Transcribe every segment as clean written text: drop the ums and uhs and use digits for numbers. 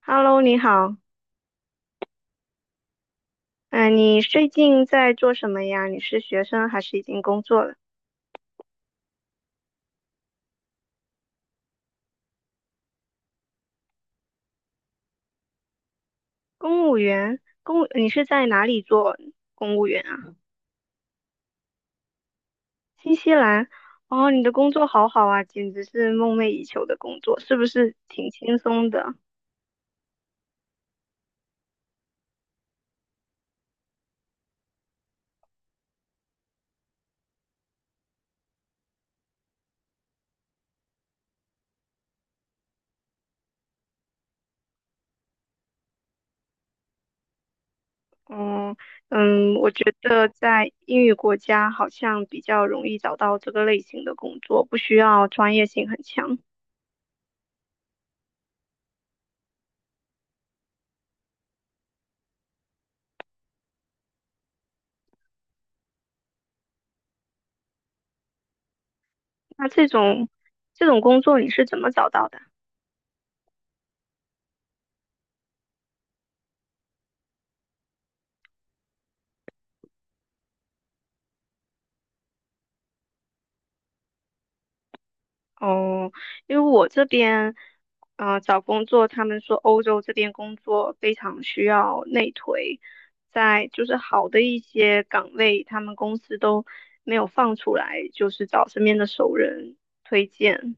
Hello，你好。嗯、你最近在做什么呀？你是学生还是已经工作了？公务员，你是在哪里做公务员啊？新西兰。哦，你的工作好好啊，简直是梦寐以求的工作，是不是挺轻松的？嗯嗯，我觉得在英语国家好像比较容易找到这个类型的工作，不需要专业性很强。那这种工作你是怎么找到的？哦，因为我这边，找工作，他们说欧洲这边工作非常需要内推，在就是好的一些岗位，他们公司都没有放出来，就是找身边的熟人推荐。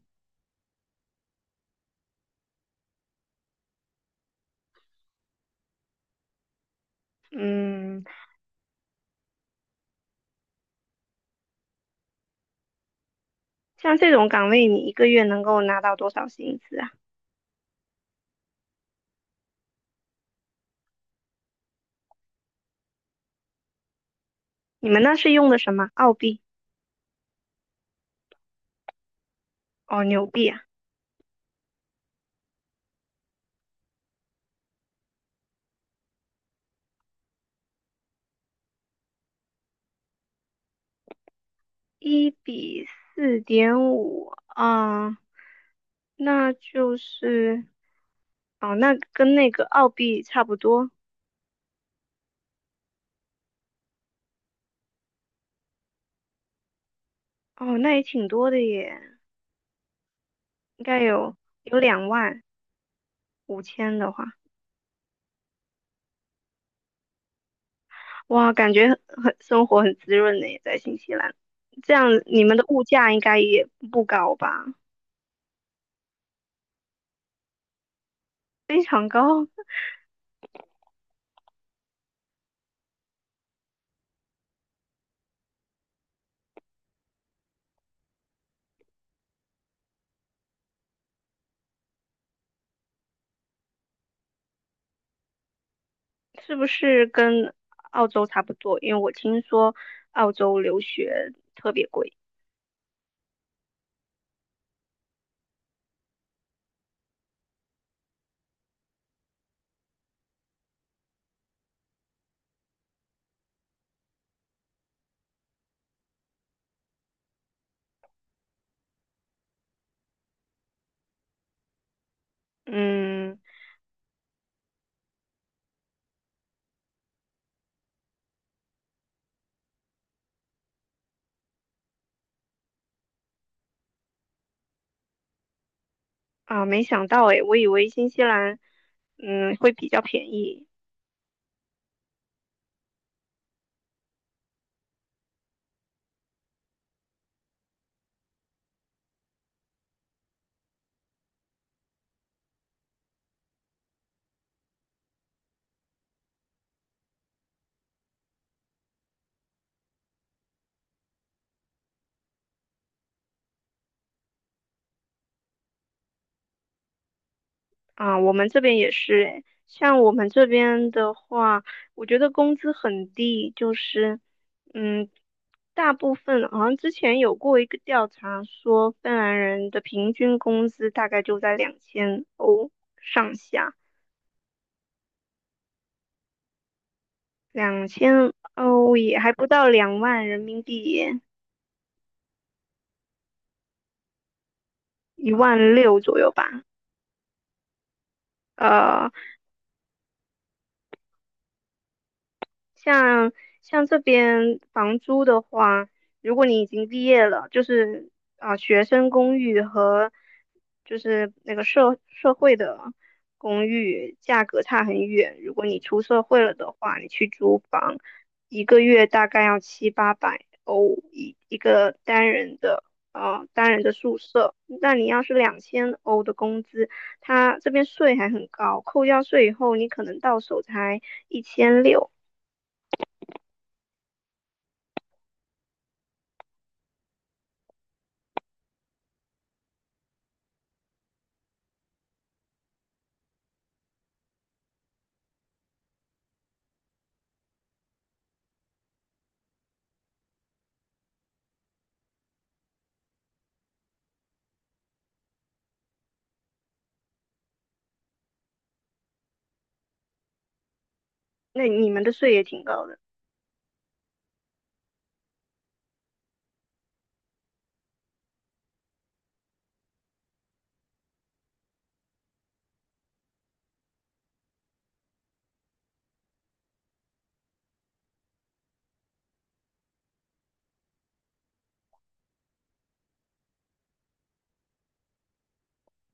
嗯，像这种岗位，你一个月能够拿到多少薪资啊？你们那是用的什么？澳币？哦，纽币啊，1:4.5，啊，那就是。哦，那跟那个澳币差不多。哦，那也挺多的耶，应该有25,000的话，哇，感觉很生活很滋润呢，在新西兰。这样你们的物价应该也不高吧？非常高，是不是跟澳洲差不多？因为我听说澳洲留学特别贵。嗯啊，没想到诶，我以为新西兰会比较便宜。啊，我们这边也是诶，像我们这边的话，我觉得工资很低，就是，嗯，大部分好像之前有过一个调查说，芬兰人的平均工资大概就在两千欧上下，两千欧也还不到20,000人民币，16,000左右吧，呃，像像这边房租的话，如果你已经毕业了，就是啊，学生公寓和就是那个社会的公寓价格差很远。如果你出社会了的话，你去租房，一个月大概要七八百欧一个单人的。啊单人的宿舍，那你要是两千欧的工资，它这边税还很高，扣掉税以后，你可能到手才1,600。那你们的税也挺高的。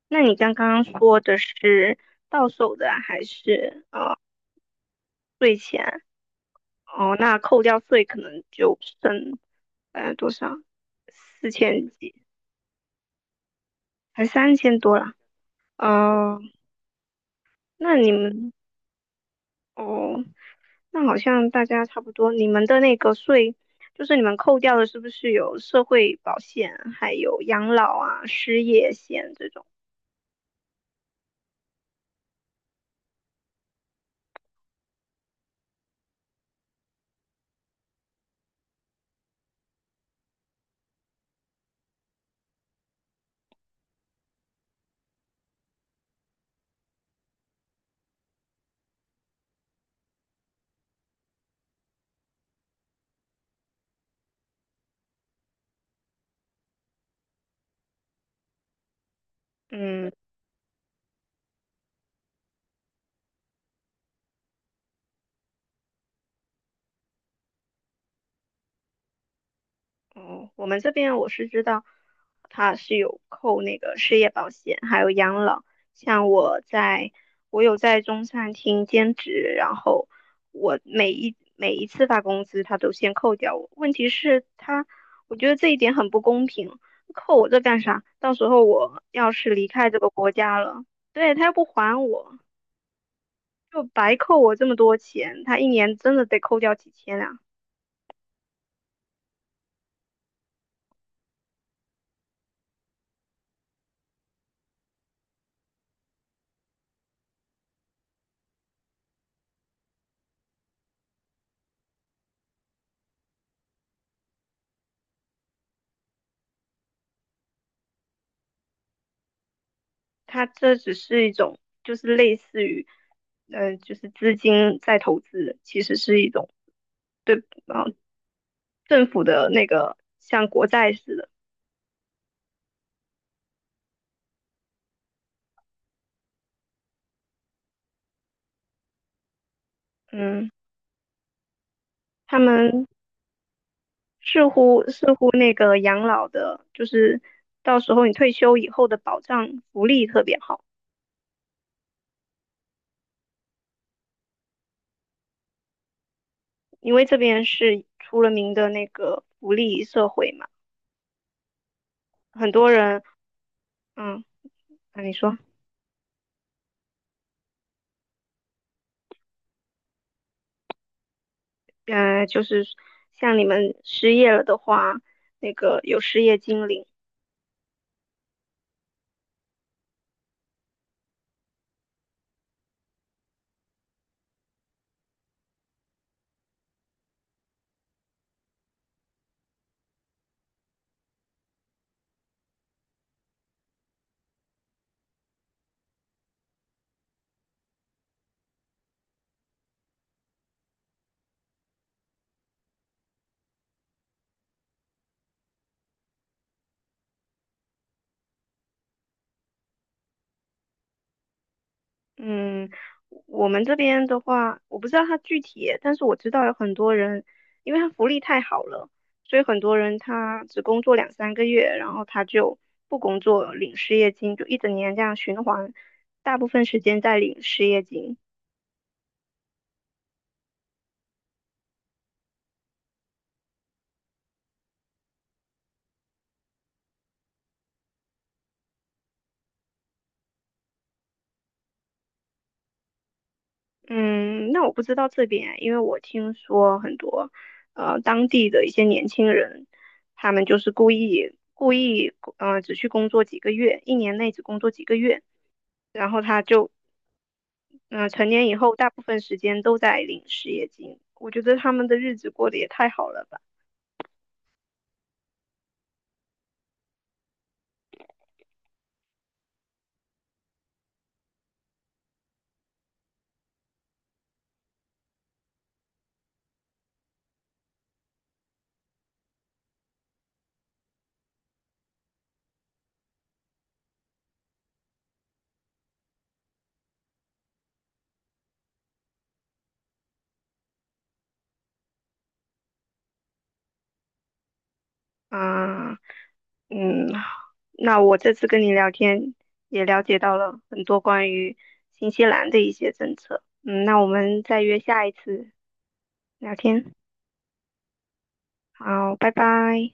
那你刚刚说的是到手的还是税前？哦，那扣掉税可能就剩多少？四千几，还三千多啦。哦，那你们哦，那好像大家差不多。你们的那个税，就是你们扣掉的，是不是有社会保险，还有养老啊、失业险这种？嗯。哦，我们这边我是知道，他是有扣那个失业保险，还有养老。像我在，我有在中餐厅兼职，然后我每一次发工资，他都先扣掉我。问题是他，我觉得这一点很不公平，扣我这干啥？到时候我要是离开这个国家了，对，他又不还我，就白扣我这么多钱，他一年真的得扣掉几千啊。它这只是一种，就是类似于，就是资金在投资的其实是一种对，啊政府的那个像国债似的，嗯，他们似乎那个养老的，就是到时候你退休以后的保障福利特别好，因为这边是出了名的那个福利社会嘛，很多人，嗯，那你说嗯，呃，就是像你们失业了的话，那个有失业金领。嗯，我们这边的话，我不知道他具体，但是我知道有很多人，因为他福利太好了，所以很多人他只工作两三个月，然后他就不工作，领失业金，就一整年这样循环，大部分时间在领失业金。嗯，那我不知道这边，因为我听说很多，当地的一些年轻人，他们就是故意，只去工作几个月，一年内只工作几个月。然后他就成年以后大部分时间都在领失业金，我觉得他们的日子过得也太好了吧。啊，嗯，那我这次跟你聊天也了解到了很多关于新西兰的一些政策。嗯，那我们再约下一次聊天。好，拜拜。